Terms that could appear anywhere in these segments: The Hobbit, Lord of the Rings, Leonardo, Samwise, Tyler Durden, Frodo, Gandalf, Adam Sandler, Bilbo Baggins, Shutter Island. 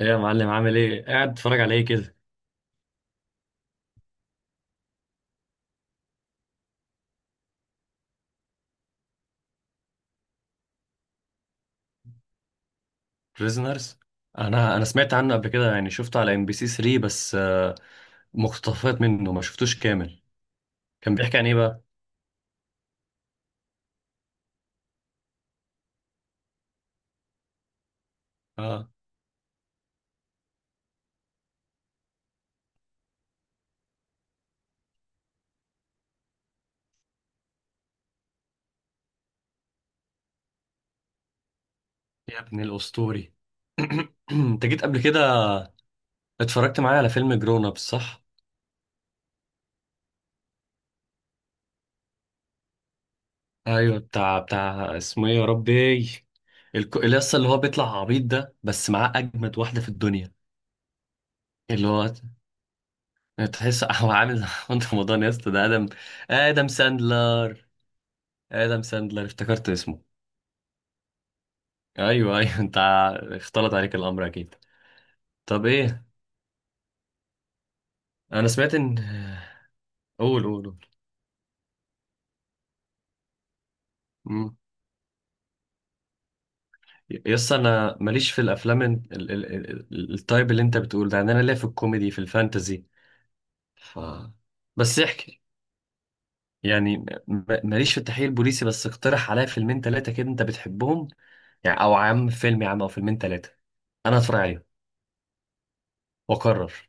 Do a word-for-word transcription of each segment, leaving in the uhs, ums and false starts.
ايه يا معلم، عامل ايه؟ قاعد اتفرج على ايه كده؟ بريزنرز. انا انا سمعت عنه قبل كده، يعني شفته على ام بي سي ثري بس آه، مقتطفات منه ما شفتوش كامل. كان بيحكي عن ايه بقى؟ اه، يا ابن الاسطوري. انت جيت قبل كده اتفرجت معايا على فيلم جرون اب، صح؟ ايوه، بتاع بتاع اسمه ايه يا ربي؟ الك- اليس اللي هو بيطلع عبيط ده بس معاه اجمد واحده في الدنيا. اللي هو، تحس هو عامل محمد رمضان يا اسطى. ده ادم. ادم ساندلر. ادم ساندلر، افتكرت اسمه. ايوه، ايوه، انت ع- اختلط عليك الامر اكيد. طب ايه؟ انا سمعت ان، قول، قول، قول. مم. يس، انا ماليش في الافلام ال... ال... ال... ال- التايب اللي انت بتقول ده. يعني انا ليا في الكوميدي، في الفانتزي. ف بس احكي. يعني م- م- ماليش في التحقيق البوليسي، بس اقترح عليا فيلمين ثلاثه كده انت بتحبهم. يعني او عم فيلم يا عم، او فيلمين ثلاثه. انا هتفرج عليهم واقرر.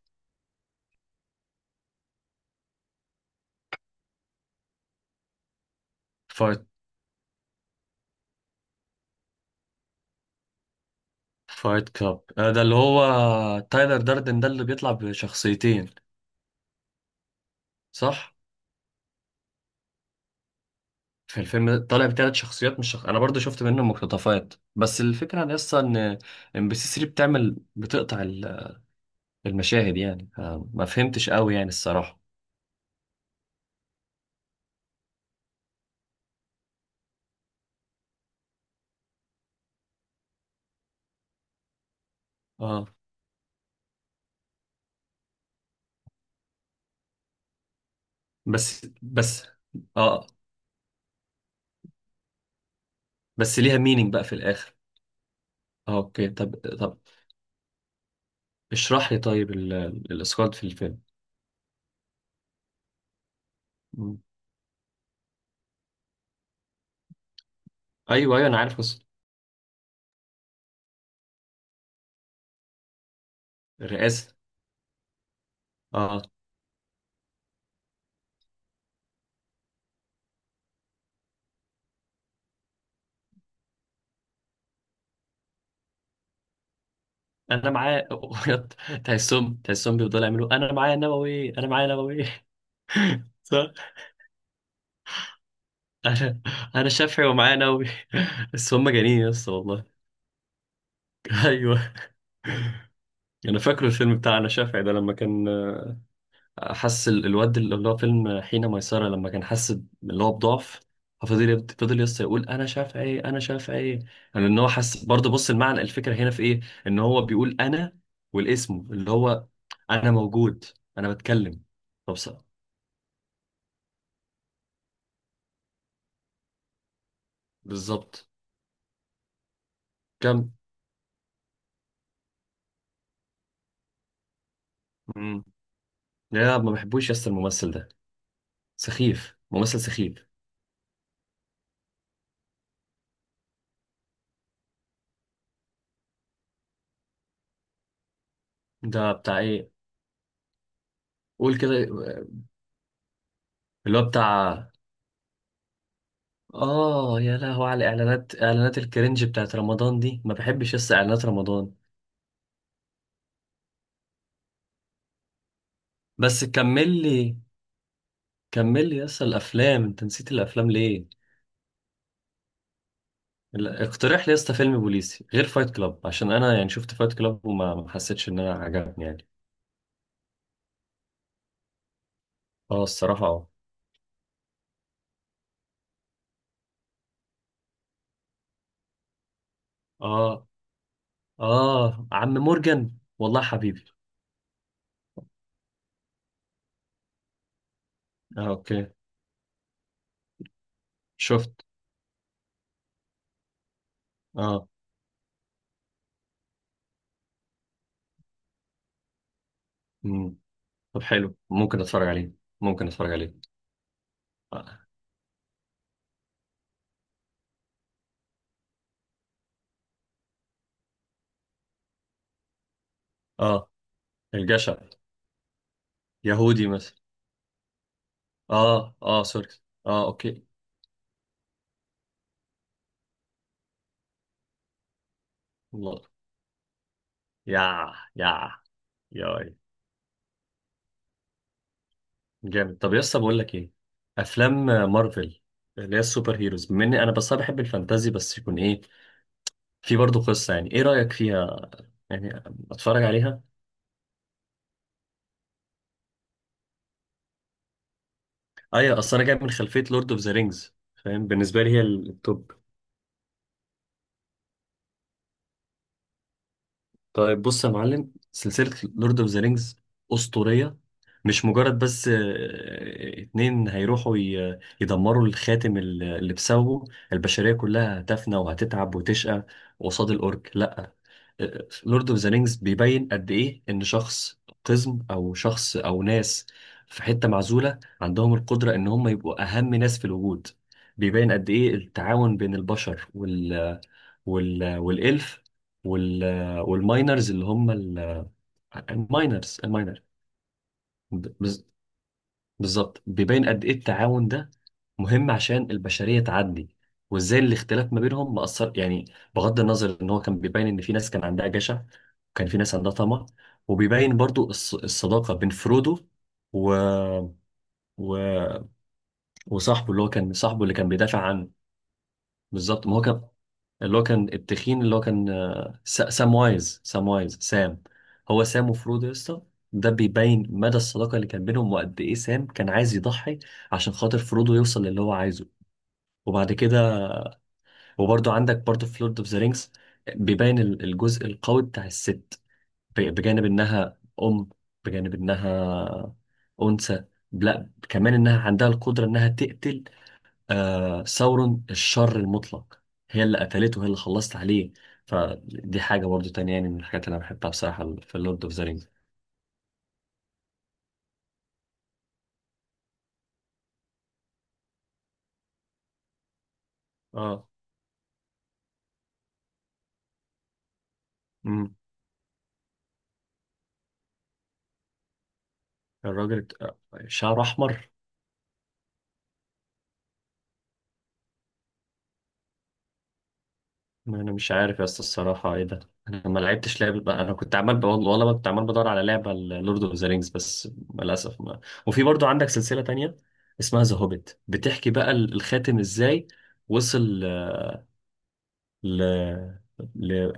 فايت فايت كلاب ده اللي هو تايلر داردن ده اللي بيطلع بشخصيتين، صح؟ في الفيلم ده طالع بثلاث شخصيات مش شخص... انا برضو شفت منه مقتطفات، بس الفكره ان اصلا ان ام بي سي ثري بتعمل بتقطع ال- المشاهد يعني. ما فهمتش قوي يعني الصراحه. اه. بس بس. اه. بس ليها مينينج بقى في الاخر؟ اه، اوكي، طب طب. اشرح لي طيب ال... ال- الاسقاط في الفيلم. مم. ايوه، ايوه، انا عارف قصة الرئاسه. اه، انا معاه. تحسهم تحسهم بيفضلوا يعملوا: انا معايا نووي، انا معايا نووي. انا، انا شافعي ومعايا نووي. بس هم جانين يا اسطى، والله. ايوه. انا فاكره الفيلم بتاع انا شافعي ده، لما كان حس ال- الواد، اللي هو فيلم حين ميسرة، لما كان حس ب- اللي هو بضعف. ففضل يبد- فضل يس يقول: انا شافعي، انا شافعي. يعني ان هو حس برضه. بص، المعنى، الفكره هنا في ايه؟ ان هو بيقول انا، والاسم اللي هو انا موجود، انا بتكلم. طب صح. بالظبط. كم؟ مم. لا، ما بحبوش يس. الممثل ده سخيف، ممثل سخيف. ده بتاع ايه؟ قول كده. اللي هو بتاع، اه يا لهو على اعلانات، اعلانات الكرنج بتاعت رمضان دي. ما بحبش لسه اعلانات رمضان. بس كمل لي، كمل لي لسه الافلام، انت نسيت الافلام ليه؟ لا، اقترح لي لسه فيلم بوليسي غير فايت كلاب، عشان انا يعني شفت فايت كلاب وما ما حسيتش ان انا عجبني يعني. اه، الصراحة، اه. اه، اه عم مورجان، والله حبيبي. اه، اوكي. شفت. اه. مم. طب حلو، ممكن اتفرج عليه، ممكن اتفرج عليه. اه، آه. الجشع. يهودي مثلا؟ اه، اه، سوري. اه، اوكي. الله. يا يا يا جامد. طب يا اسطى بقول لك ايه؟ افلام مارفل، اللي هي السوبر هيروز. بما اني انا بس أنا بحب الفانتازي، بس يكون ايه؟ في برضه قصه. يعني ايه رايك فيها؟ يعني اتفرج عليها؟ ايوه، اصل انا جاي من خلفيه لورد اوف ذا رينجز، فاهم. بالنسبه لي هي التوب. طيب بص يا معلم، سلسلة لورد اوف ذا رينجز أسطورية. مش مجرد بس آه، اتنين هيروحوا ي- يدمروا الخاتم ال- اللي بسببه البشرية كلها هتفنى، وهتتعب، وتشقى قصاد الأورك، لأ. لورد اوف ذا رينجز بيبين قد إيه إن شخص قزم، أو شخص، أو ناس في حتة معزولة عندهم القدرة إن هم يبقوا أهم ناس في الوجود. بيبين قد إيه التعاون بين البشر وال والإلف وال والماينرز اللي هم ال- الماينرز الماينر. بز- بالظبط، بيبين قد إيه التعاون ده مهم عشان البشرية تعدي، وإزاي الاختلاف ما بينهم مأثر يعني. بغض النظر، إن هو كان بيبين إن في ناس كان عندها جشع، وكان في ناس عندها طمع. وبيبين برضو الص- الصداقة بين فرودو و... و... وصاحبه، اللي هو كان صاحبه اللي كان بيدافع عنه. بالظبط، ما هو كان اللي هو كان التخين، اللي هو كان آه، س- سام وايز، سام وايز، سام. هو سام وفرودو يا اسطى. ده بيبين مدى الصداقة اللي كان بينهم، وقد ايه سام كان عايز يضحي عشان خاطر فرودو يوصل للي هو عايزه. وبعد كده، وبرضه عندك برضه في لورد اوف ذا رينجز بيبين ال- الجزء القوي بتاع الست، ب- بجانب انها ام، بجانب انها انثى. لا، كمان انها عندها القدرة انها تقتل آه ثورن الشر المطلق. هي اللي قتلته، هي اللي خلصت عليه. فدي حاجة برضو تانية يعني، من الحاجات اللي أنا بحبها بصراحة في لورد أوف ذا رينجز. اه. امم الراجل الت- آه، شعره أحمر. ما أنا مش عارف يا اسطى الصراحة إيه ده. أنا ما لعبتش لعبة، أنا كنت عمال ب- والله كنت عمال بدور على لعبة لورد أوف ذا رينجز، بس للأسف ما... وفي برضو عندك سلسلة تانية اسمها ذا هوبيت، بتحكي بقى ال- الخاتم إزاي وصل ل... ل...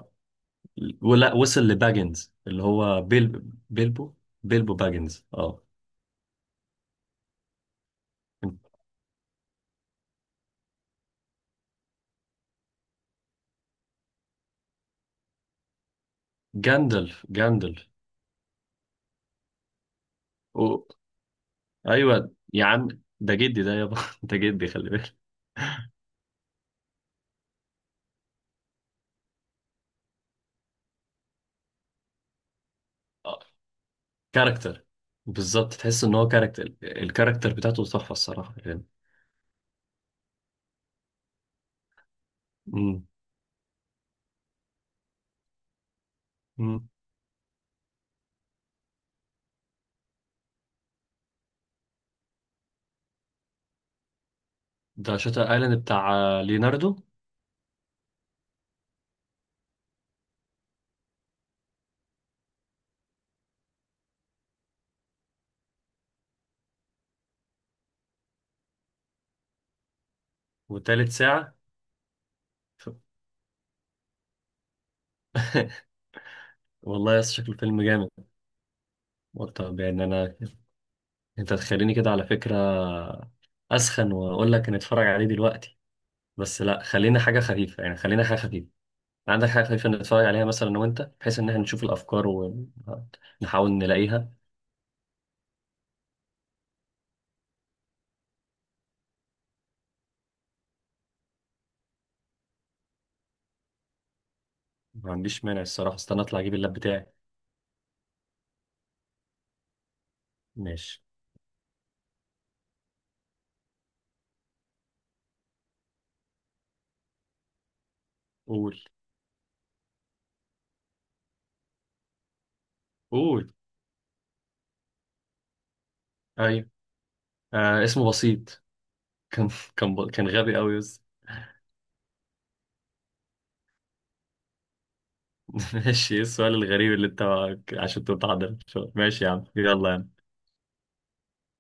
ولا وصل لباجنز اللي هو بيل، بيلبو، بيلبو باجنز، اه. جاندلف جاندلف و... ايوه يا عم، ده جدي ده يابا. ده جدي، خلي بالك. آه، كاركتر. بالظبط، تحس ان هو كاركتر. الكاركتر بتاعته تحفه الصراحه يعني. امم. أمم. ده شاتر ايلاند بتاع آه، ليوناردو. وتالت ساعه؟ والله يا اسطى شكله فيلم جامد. طب يعني انا، انت تخليني كده على فكره اسخن واقول لك نتفرج عليه دلوقتي. بس لا، خلينا حاجة خفيفة يعني، خلينا حاجة خفيفة. عندك حاجة خفيفة نتفرج عليها مثلا أنا وأنت، بحيث إن إحنا نشوف الأفكار ونحاول نلاقيها. ما عنديش مانع الصراحة، استنى أطلع أجيب اللاب بتاعي. ماشي. قول، قول. أيوة، آه اسمه بسيط. كان، كان ب... كان غبي أوي يس. ماشي، إيه السؤال الغريب اللي أنت عشان تتعضل؟ ماشي يا عم، يلا.